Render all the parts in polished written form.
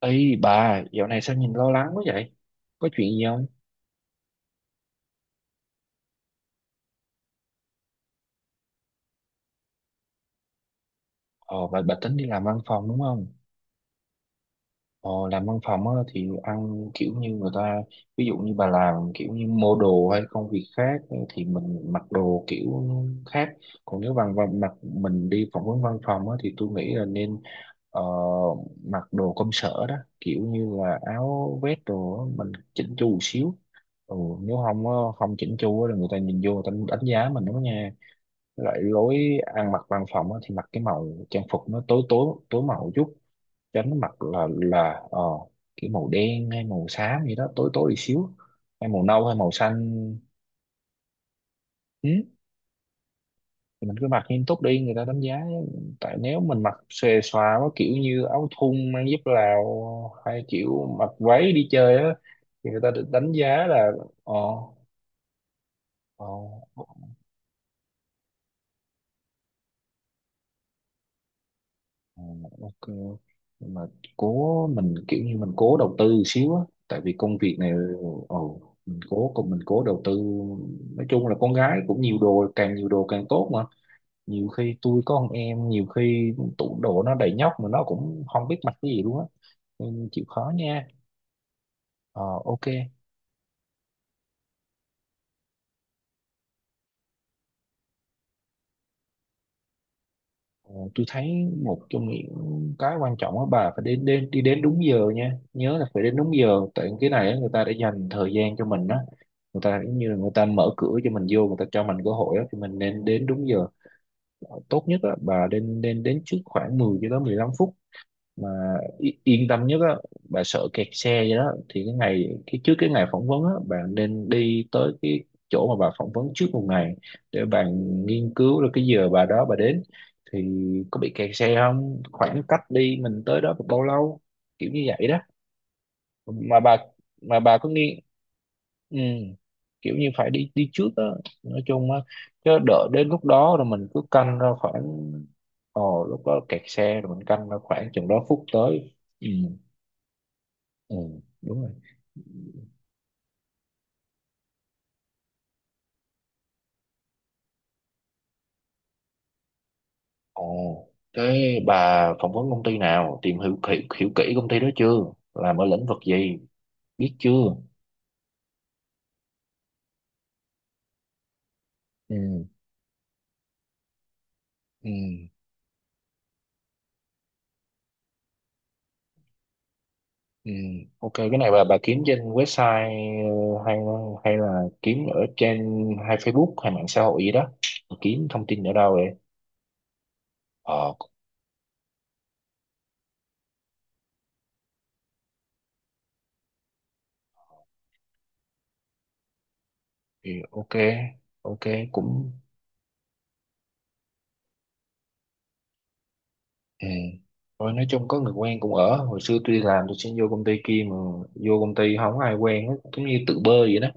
Ê bà, dạo này sao nhìn lo lắng quá vậy? Có chuyện gì không? Ồ, bà tính đi làm văn phòng đúng không? Ồ, làm văn phòng á, thì ăn kiểu như người ta, ví dụ như bà làm kiểu như mua đồ hay công việc khác thì mình mặc đồ kiểu khác. Còn nếu bằng bằng- mặc mình đi phỏng vấn văn phòng á, thì tôi nghĩ là nên ờ, mặc đồ công sở đó, kiểu như là áo vest đồ á, mình chỉnh chu một xíu. Ừ, nếu không á, không chỉnh chu á là người ta nhìn vô người ta đánh giá mình đó nha. Loại lối ăn mặc văn phòng á, thì mặc cái màu trang phục nó tối tối tối màu chút, tránh mặc cái màu đen hay màu xám gì đó tối tối đi xíu hay màu nâu hay màu xanh. Ừ, thì mình cứ mặc nghiêm túc đi người ta đánh giá, tại nếu mình mặc xòe xòa quá kiểu như áo thun mang dép Lào hay kiểu mặc váy đi chơi á thì người ta được đánh giá là ờ ờ Ờ, ok, nhưng mà cố mình kiểu như mình cố đầu tư xíu á, tại vì công việc này ồ mình cố cùng mình cố đầu tư. Nói chung là con gái cũng nhiều đồ, càng nhiều đồ càng tốt mà, nhiều khi tôi có con em, nhiều khi tủ đồ nó đầy nhóc mà nó cũng không biết mặc cái gì luôn á, nên chịu khó nha. Ờ, ok. Ờ, tôi thấy một trong những cái quan trọng á bà phải đến đến đi đến đúng giờ nha, nhớ là phải đến đúng giờ, tại cái này á, người ta đã dành thời gian cho mình á, người ta giống như là người ta mở cửa cho mình vô, người ta cho mình cơ hội á thì mình nên đến đúng giờ. Ờ, tốt nhất á bà nên nên đến trước khoảng 10 cho tới 15 phút mà yên tâm nhất á, bà sợ kẹt xe vậy đó thì cái ngày cái trước cái ngày phỏng vấn á bạn nên đi tới cái chỗ mà bà phỏng vấn trước một ngày, để bạn nghiên cứu là cái giờ bà đó bà đến thì có bị kẹt xe không, khoảng cách đi mình tới đó bao lâu, kiểu như vậy đó. Mà bà mà bà có nghi, ừ, kiểu như phải đi đi trước á, nói chung á, chứ đợi đến lúc đó rồi mình cứ canh ra khoảng lúc đó kẹt xe rồi mình canh ra khoảng chừng đó phút tới. Ừ. Ừ, đúng rồi. Ồ, cái bà phỏng vấn công ty nào, hiểu kỹ công ty đó chưa? Làm ở lĩnh vực gì, biết chưa? Ừ. Ừ, ừ. Ok, cái này bà kiếm trên website, hay hay là kiếm ở trên hay Facebook hay mạng xã hội gì đó. Bà kiếm thông tin ở đâu vậy? Ờ, thì ok, ok cũng ừ. Rồi nói chung có người quen cũng ở hồi xưa tôi đi làm tôi xin vô công ty kia mà vô công ty không ai quen hết giống như tự bơi vậy đó,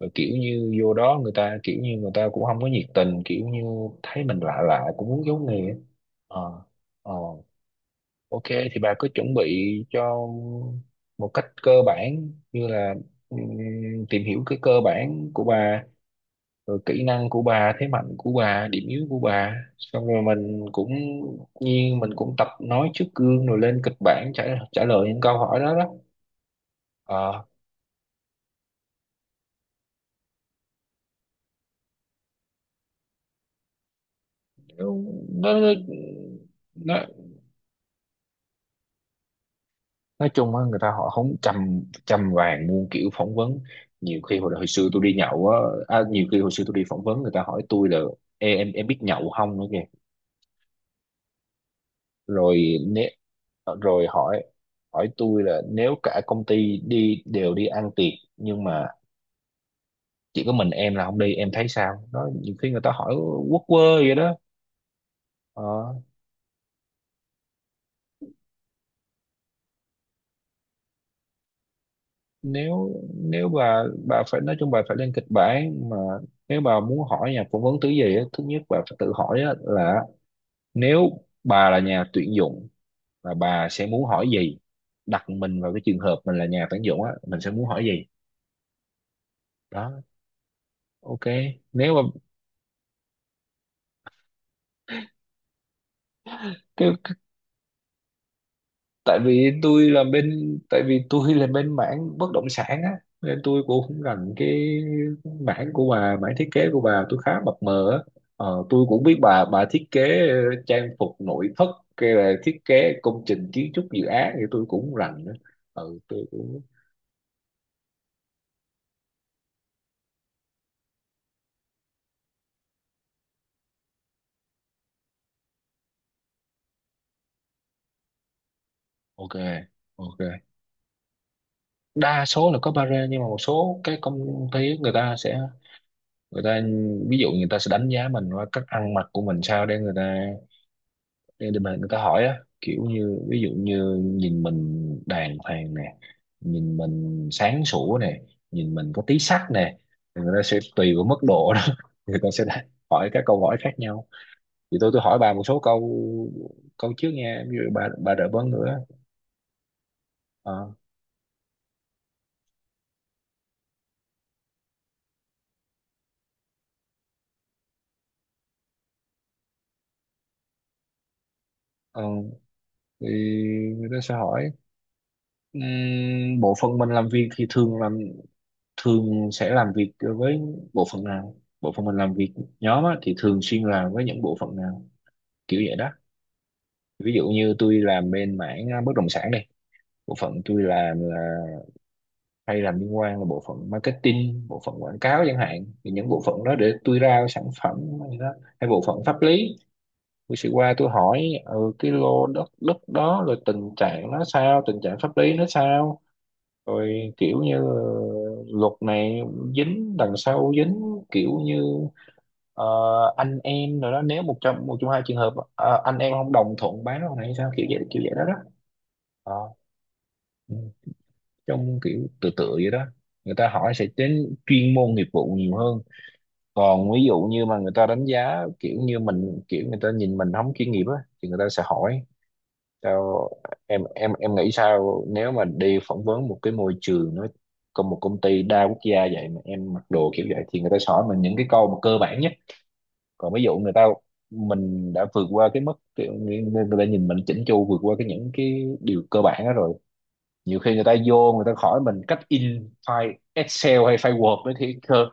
và kiểu như vô đó người ta kiểu như người ta cũng không có nhiệt tình, kiểu như thấy mình lạ lạ cũng muốn giấu nghề. ờ ờ ok, thì bà cứ chuẩn bị cho một cách cơ bản như là ừm, tìm hiểu cái cơ bản của bà rồi kỹ năng của bà, thế mạnh của bà, điểm yếu của bà, xong rồi mình cũng nhiên mình cũng tập nói trước gương rồi lên kịch bản trả trả lời những câu hỏi đó đó. ờ nó, nó, nó Nói chung á người ta họ không chăm chăm vàng muôn kiểu phỏng vấn, nhiều khi hồi xưa tôi đi nhậu á, à, nhiều khi hồi xưa tôi đi phỏng vấn người ta hỏi tôi là: Ê, em biết nhậu không nữa kìa. rồi nếu Rồi hỏi hỏi tôi là nếu cả công ty đi đều đi ăn tiệc nhưng mà chỉ có mình em là không đi em thấy sao đó, nhiều khi người ta hỏi quốc quơ vậy đó. Ờ, nếu nếu bà phải nói chung bà phải lên kịch bản mà, nếu bà muốn hỏi nhà phỏng vấn thứ gì á, thứ nhất bà phải tự hỏi á là nếu bà là nhà tuyển dụng và bà sẽ muốn hỏi gì. Đặt mình vào cái trường hợp mình là nhà tuyển dụng á mình sẽ muốn hỏi gì. Đó. Ok. nếu mà cái Tại vì tôi là bên, tại vì tôi là bên mảng bất động sản á nên tôi cũng không rành cái mảng của bà, mảng thiết kế của bà tôi khá mập mờ á. Ờ, tôi cũng biết bà thiết kế trang phục nội thất hay là thiết kế công trình kiến trúc dự án thì tôi cũng không rành nữa. Ừ tôi cũng ok ok, đa số là có barrier nhưng mà một số cái công ty người ta sẽ, người ta ví dụ người ta sẽ đánh giá mình qua cách ăn mặc của mình sao, để người ta, để mà người ta hỏi á kiểu như ví dụ như nhìn mình đàng hoàng nè, nhìn mình sáng sủa nè, nhìn mình có tí sắc nè. Thì người ta sẽ tùy vào mức độ đó người ta sẽ hỏi các câu hỏi khác nhau. Thì tôi hỏi bà một số câu, câu trước nha, ví dụ bà đợi bớt nữa. ờ ờ thì người ta sẽ hỏi: bộ phận mình làm việc thì thường làm, thường sẽ làm việc với bộ phận nào, bộ phận mình làm việc nhóm á, thì thường xuyên làm với những bộ phận nào, kiểu vậy đó. Ví dụ như tôi làm bên mảng à, bất động sản đây, bộ phận tôi làm là hay làm liên quan là bộ phận marketing, bộ phận quảng cáo chẳng hạn, thì những bộ phận đó để tôi ra sản phẩm hay đó, hay bộ phận pháp lý tôi sẽ qua tôi hỏi ừ, cái lô đất đất đó rồi tình trạng nó sao, tình trạng pháp lý nó sao, rồi kiểu như luật này dính đằng sau dính, kiểu như ờ, anh em rồi đó, nếu một trong hai trường hợp ờ, anh em không đồng thuận bán con này hay sao, kiểu vậy đó đó. Ờ, ừ. Trong kiểu tự tự vậy đó, người ta hỏi sẽ đến chuyên môn nghiệp vụ nhiều hơn. Còn ví dụ như mà người ta đánh giá kiểu như mình kiểu người ta nhìn mình không chuyên nghiệp á thì người ta sẽ hỏi: Sao em nghĩ sao nếu mà đi phỏng vấn một cái môi trường nó còn một công ty đa quốc gia vậy mà em mặc đồ kiểu vậy, thì người ta sẽ hỏi mình những cái câu mà cơ bản nhất. Còn ví dụ người ta mình đã vượt qua cái mức kiểu người ta nhìn mình chỉnh chu vượt qua cái những cái điều cơ bản đó rồi, nhiều khi người ta vô người ta hỏi mình cách in file Excel hay file Word đấy thì cơ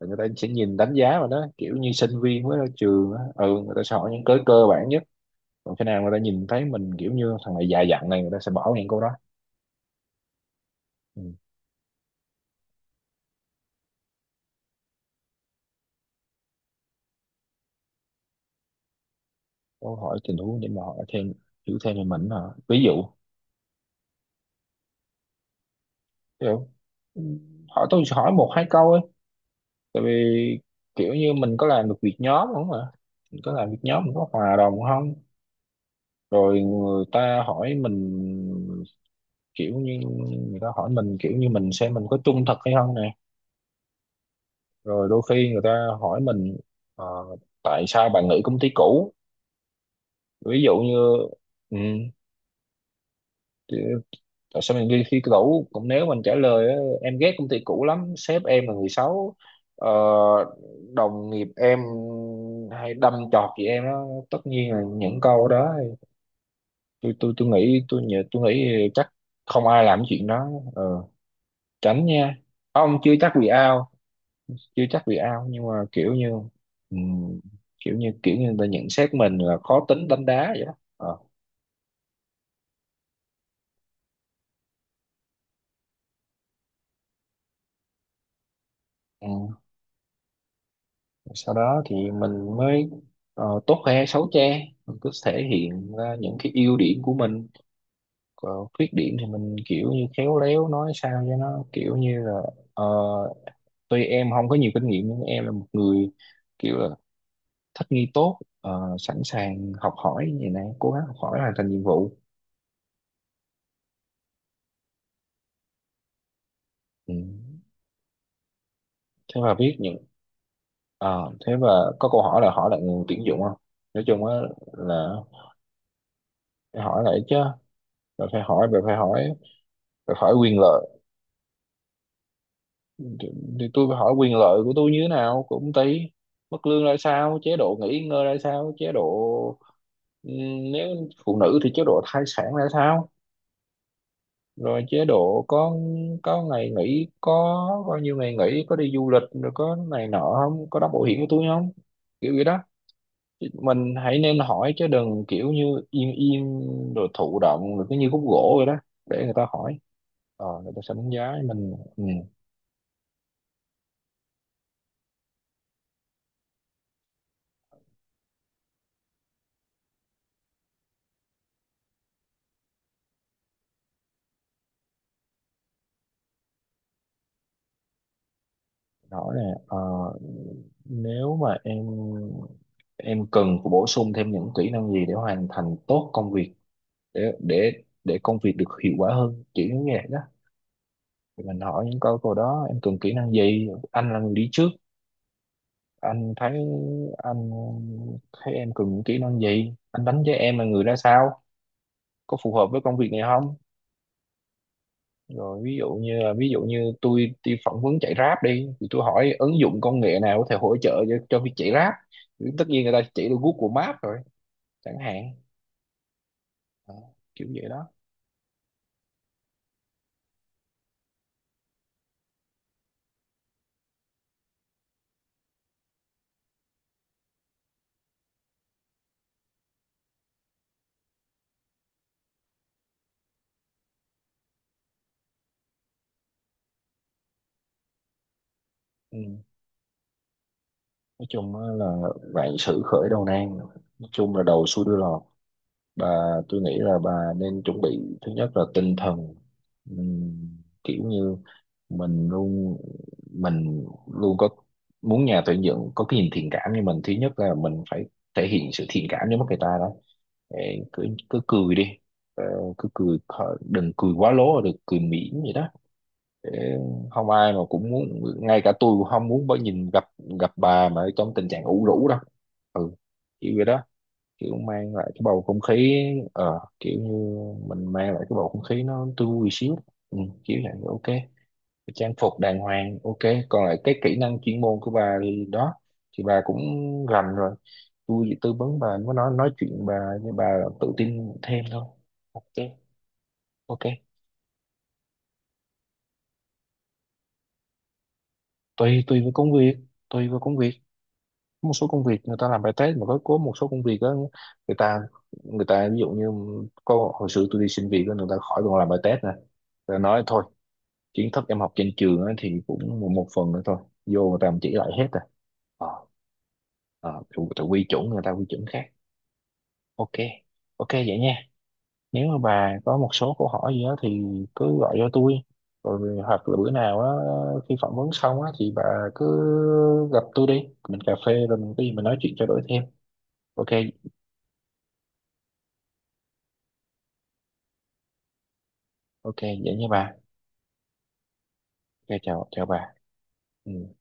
người ta sẽ nhìn đánh giá mà đó kiểu như sinh viên mới ra trường á, ừ người ta sẽ hỏi những cái cơ bản nhất. Còn khi nào người ta nhìn thấy mình kiểu như thằng này già dặn này người ta sẽ bỏ ngang câu đó. Ừ. Câu hỏi tình huống để mà hỏi thêm hiểu thêm về mình hả? Ví dụ kiểu ừ, hỏi tôi hỏi một hai câu ấy, tại vì kiểu như mình có làm được việc nhóm không ạ, mình có làm việc nhóm mình có hòa đồng không. Rồi người ta hỏi mình kiểu như, người ta hỏi mình kiểu như mình xem mình có trung thực hay không nè. Rồi đôi khi người ta hỏi mình ờ, tại sao bạn nghỉ công ty cũ, ví dụ như ừ, tại sao mình ghi khi cũ cũng, nếu mình trả lời á, em ghét công ty cũ lắm, sếp em là người xấu, ờ, đồng nghiệp em hay đâm chọt chị em đó, tất nhiên là những câu đó tôi nghĩ chắc không ai làm chuyện đó. Ờ, tránh nha, không chưa chắc bị ao, chưa chắc bị ao nhưng mà kiểu như ừm, kiểu như kiểu như người ta nhận xét mình là khó tính đánh đá vậy đó. Ờ. Sau đó thì mình mới tốt khoe xấu che, mình cứ thể hiện ra những cái ưu điểm của mình, còn khuyết điểm thì mình kiểu như khéo léo nói sao cho nó kiểu như là ờ, tuy em không có nhiều kinh nghiệm nhưng em là một người kiểu là thích nghi tốt, sẵn sàng học hỏi như này, cố gắng học hỏi hoàn thành nhiệm vụ. Ừ. Thế và viết những ờ, thế và có câu hỏi là hỏi lại nguồn tuyển dụng không, nói chung á là phải hỏi lại chứ, rồi phải hỏi, rồi. Phải hỏi quyền lợi. thì, thì tôi phải hỏi quyền lợi của tôi như thế nào, của công ty mức lương ra sao, chế độ nghỉ ngơi ra sao, chế độ nếu phụ nữ thì chế độ thai sản ra sao, rồi chế độ có ngày nghỉ, có bao nhiêu ngày nghỉ, có đi du lịch rồi có này nọ, không có đóng bảo hiểm của tôi không, kiểu vậy đó. Mình hãy nên hỏi chứ đừng kiểu như im im rồi thụ động rồi cứ như khúc gỗ vậy đó, để người ta hỏi. Ờ người ta sẽ đánh giá mình. Ừ. Rõ ràng, nếu mà em cần phải bổ sung thêm những kỹ năng gì để hoàn thành tốt công việc, để để để công việc được hiệu quả hơn, kiểu như vậy đó. Thì mình hỏi những câu câu đó, em cần kỹ năng gì, anh là người đi trước anh thấy, anh thấy em cần những kỹ năng gì, anh đánh giá em là người ra sao, có phù hợp với công việc này không. Rồi ví dụ như là, ví dụ như tôi đi phỏng vấn chạy Grab đi, thì tôi hỏi ứng dụng công nghệ nào có thể hỗ trợ cho việc chạy Grab, thì tất nhiên người ta chỉ được Google Maps rồi chẳng hạn. Đó, kiểu vậy đó. Ừ. Nói chung á là vạn sự khởi đầu nan, nói chung là đầu xuôi đuôi lọt, bà. Tôi nghĩ là bà nên chuẩn bị, thứ nhất là tinh thần. Ừm, Kiểu như mình luôn mình luôn có muốn nhà tuyển dụng có cái nhìn thiện cảm. Như mình, thứ nhất là mình phải thể hiện sự thiện cảm với mắt người ta đó. Để cứ, cứ cười đi. Ờ, cứ cười khỏi- đừng cười quá lố, đừng cười mỉm vậy đó. Để không ai mà cũng muốn, ngay cả tôi cũng không muốn bởi nhìn gặp gặp bà mà trong tình trạng ủ rũ đâu. Ừ, kiểu vậy đó, kiểu mang lại cái bầu không khí. Ờ kiểu như mình mang lại cái bầu không khí nó tươi vui xíu, ừ, kiểu vậy. Ok, trang phục đàng hoàng, ok. Còn lại cái kỹ năng chuyên môn của bà thì đó, thì bà cũng rành rồi, tôi chỉ tư vấn bà, mới nói chuyện bà, với bà tự tin thêm thôi. Ok ok. tùy Tùy với công việc, tùy với công việc. Có một số công việc người ta làm bài test, mà có một số công việc đó, người ta người ta ví dụ như có, hồi xưa tôi đi xin việc đó, người ta khỏi còn làm bài test nè, rồi nói thôi, kiến thức em học trên trường á thì cũng một phần nữa thôi, vô người ta cũng chỉ lại hết rồi. Ờ. Ờ, tự quy chuẩn, người ta quy chuẩn khác. Ok. Ok vậy nha, nếu mà bà có một số câu hỏi gì đó thì cứ gọi cho tôi, rồi hoặc là bữa nào á khi phỏng vấn xong á thì bà cứ gặp tôi đi, mình cà phê rồi mình cái gì mình nói chuyện trao đổi thêm. Ok ok vậy nha bà. Ok, chào chào bà. Ừ.